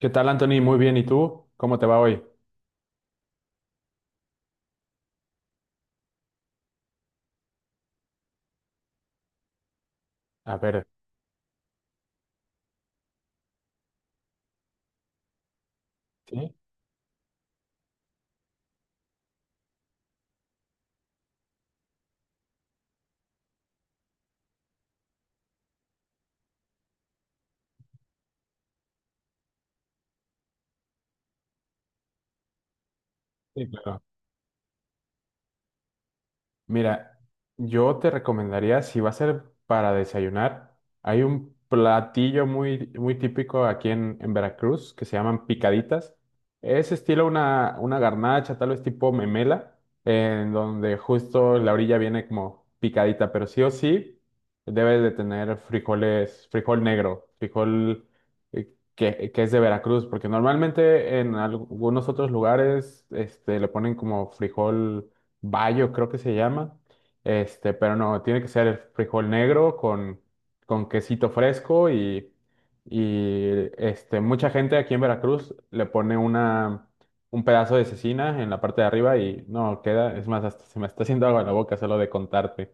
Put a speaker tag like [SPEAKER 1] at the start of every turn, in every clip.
[SPEAKER 1] ¿Qué tal, Anthony? Muy bien. ¿Y tú? ¿Cómo te va hoy? A ver, ¿sí? Sí, claro. Mira, yo te recomendaría, si va a ser para desayunar, hay un platillo muy, muy típico aquí en Veracruz que se llaman picaditas. Es estilo una garnacha, tal vez tipo memela, en donde justo la orilla viene como picadita, pero sí o sí debes de tener frijoles, frijol negro, frijol que es de Veracruz, porque normalmente en algunos otros lugares este, le ponen como frijol bayo, creo que se llama. Este, pero no, tiene que ser el frijol negro con, quesito fresco y este, mucha gente aquí en Veracruz le pone un pedazo de cecina en la parte de arriba y no queda, es más, hasta se me está haciendo agua en la boca solo de contarte.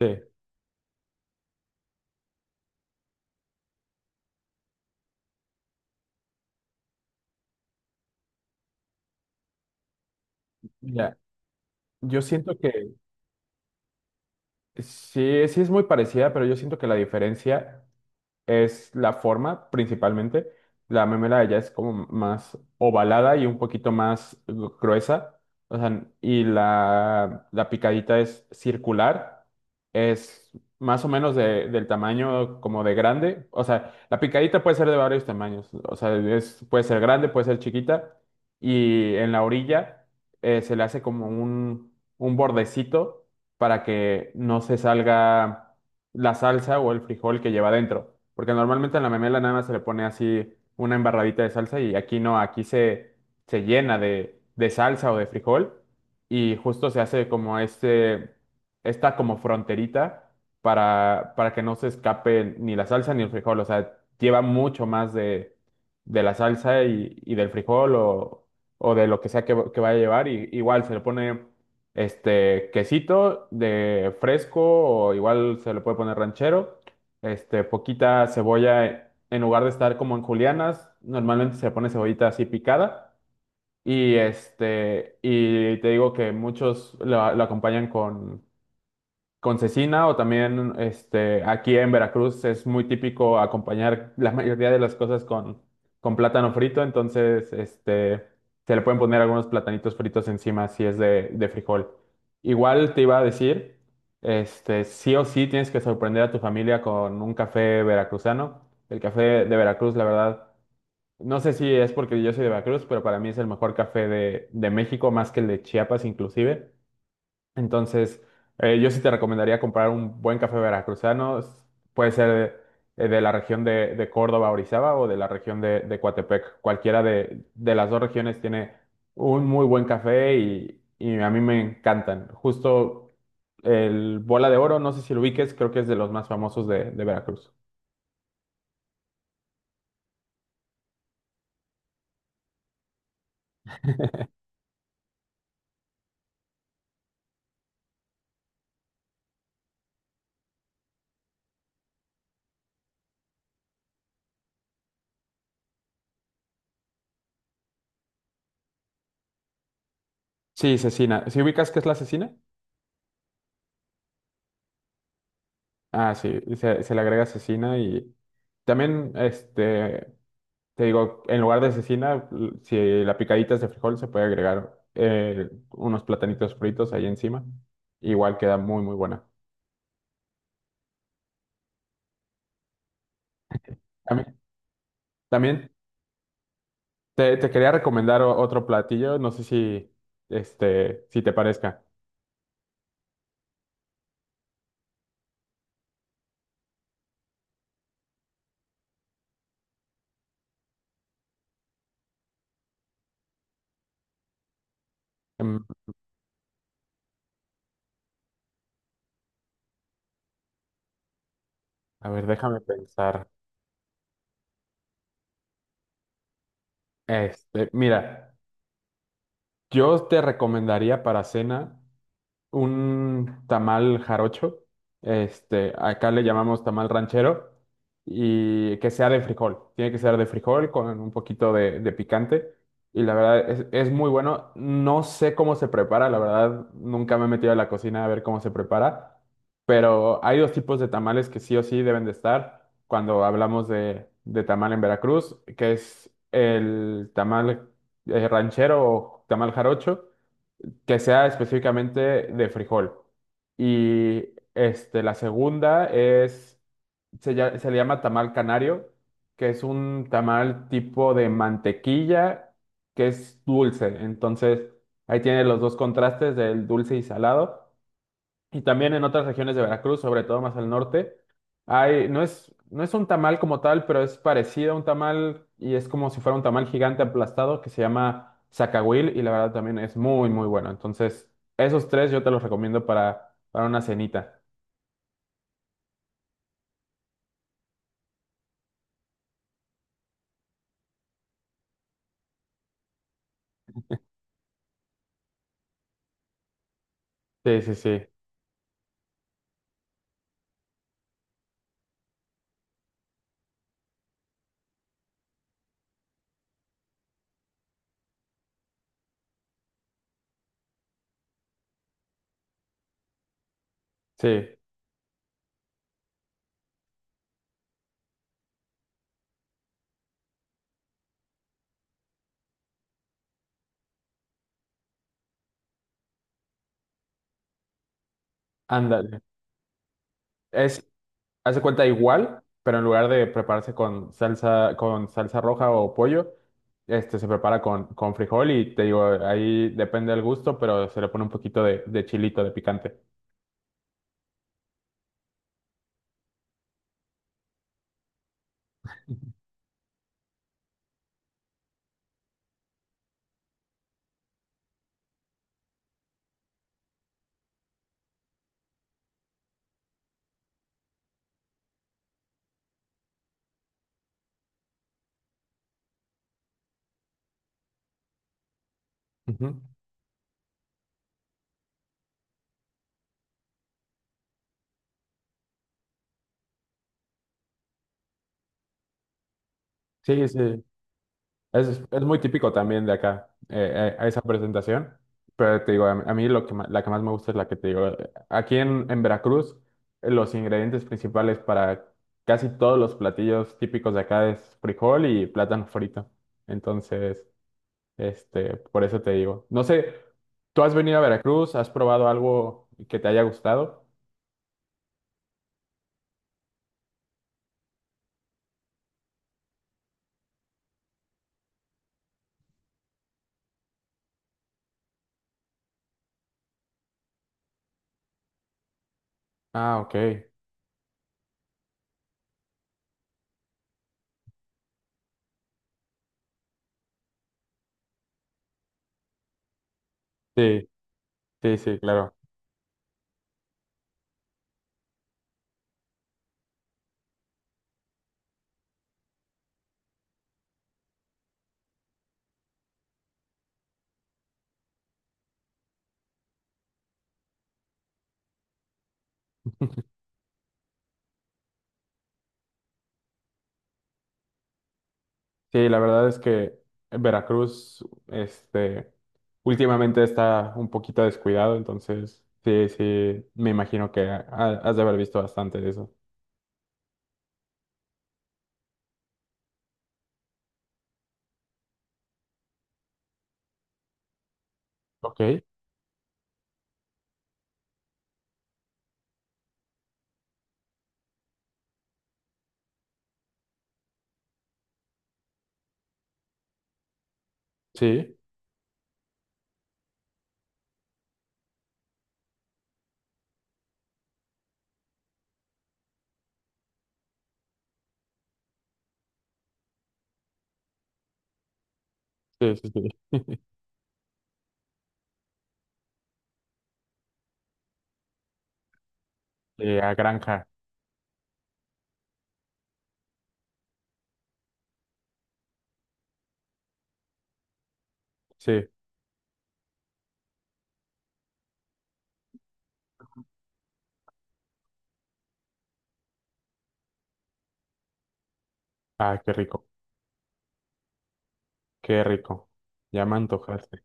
[SPEAKER 1] Sí, ya, yo siento que sí, sí es muy parecida, pero yo siento que la diferencia es la forma principalmente. La memela de ella es como más ovalada y un poquito más gruesa. O sea, y la picadita es circular. Es más o menos del tamaño como de grande. O sea, la picadita puede ser de varios tamaños. O sea, es, puede ser grande, puede ser chiquita. Y en la orilla se le hace como un, bordecito para que no se salga la salsa o el frijol que lleva dentro. Porque normalmente en la memela nada más se le pone así una embarradita de salsa y aquí no, aquí se llena de salsa o de frijol y justo se hace como esta como fronterita para que no se escape ni la salsa ni el frijol. O sea, lleva mucho más de la salsa y, del frijol o de lo que sea que vaya a llevar. Y, igual se le pone este, quesito de fresco o igual se le puede poner ranchero. Este, poquita cebolla en lugar de estar como en julianas, normalmente se le pone cebollita así picada. Y y te digo que muchos lo acompañan con cecina o también este, aquí en Veracruz es muy típico acompañar la mayoría de las cosas con plátano frito, entonces este, se le pueden poner algunos platanitos fritos encima si es de frijol. Igual te iba a decir, este, sí o sí tienes que sorprender a tu familia con un café veracruzano. El café de Veracruz, la verdad, no sé si es porque yo soy de Veracruz, pero para mí es el mejor café de México, más que el de Chiapas inclusive. Entonces, yo sí te recomendaría comprar un buen café veracruzano. Puede ser de la región de Córdoba, Orizaba o de la región de Coatepec. Cualquiera de las dos regiones tiene un muy buen café y a mí me encantan. Justo el Bola de Oro, no sé si lo ubiques, creo que es de los más famosos de Veracruz. Sí, cecina. ¿Si ubicas qué es la cecina? Ah, sí, se le agrega cecina y también este. Te digo, en lugar de cecina, si la picadita es de frijol, se puede agregar unos platanitos fritos ahí encima. Igual queda muy, muy buena. También, también te quería recomendar otro platillo, no sé si, este, si te parezca. Em, a ver, déjame pensar. Este, mira, yo te recomendaría para cena, un tamal jarocho, este, acá le llamamos tamal ranchero, y que sea de frijol, tiene que ser de frijol con un poquito de picante, y la verdad es muy bueno, no sé cómo se prepara, la verdad nunca me he metido a la cocina a ver cómo se prepara, pero hay dos tipos de tamales que sí o sí deben de estar cuando hablamos de tamal en Veracruz, que es el tamal ranchero o tamal jarocho, que sea específicamente de frijol. Y la segunda es, se le llama tamal canario, que es un tamal tipo de mantequilla, que es dulce. Entonces, ahí tiene los dos contrastes del dulce y salado. Y también en otras regiones de Veracruz, sobre todo más al norte, hay, no es, no es un tamal como tal, pero es parecido a un tamal y es como si fuera un tamal gigante aplastado que se llama zacahuil y la verdad también es muy, muy bueno. Entonces, esos tres yo te los recomiendo para una cenita. Sí, sí, sí, sí, ándale. Es Hace cuenta igual, pero en lugar de prepararse con salsa, roja o pollo, este se prepara con frijol y te digo, ahí depende del gusto, pero se le pone un poquito de chilito, de picante. Ujú. Sí, sí. Es muy típico también de acá, a esa presentación. Pero te digo, a mí la que más me gusta es la que te digo. Aquí en Veracruz, los ingredientes principales para casi todos los platillos típicos de acá es frijol y plátano frito. Entonces. Este, por eso te digo. No sé, ¿tú has venido a Veracruz? ¿Has probado algo que te haya gustado? Ah, ok. Sí, sí, sí, claro. Sí, la verdad es que Veracruz, este, últimamente está un poquito descuidado, entonces sí, sí, me imagino que has de haber visto bastante de eso. Ok, sí, sí, sí, sí. Sí, a Granja, sí. Ah, qué rico, qué rico. Ya me antojaste.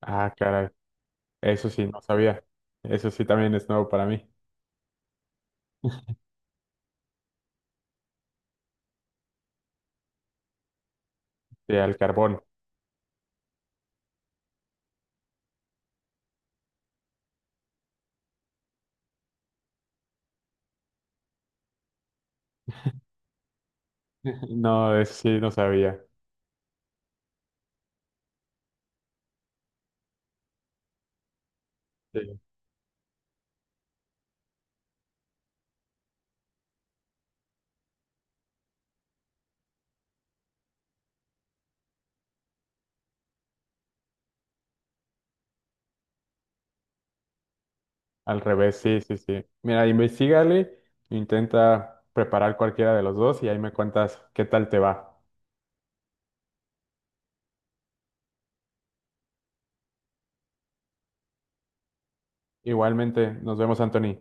[SPEAKER 1] Ah, caray. Eso sí, no sabía. Eso sí también es nuevo para mí. Sí, al carbón. No, eso sí, no sabía. Sí, al revés, sí, sí, sí. Mira, investigale, intenta preparar cualquiera de los dos y ahí me cuentas qué tal te va. Igualmente, nos vemos, Anthony.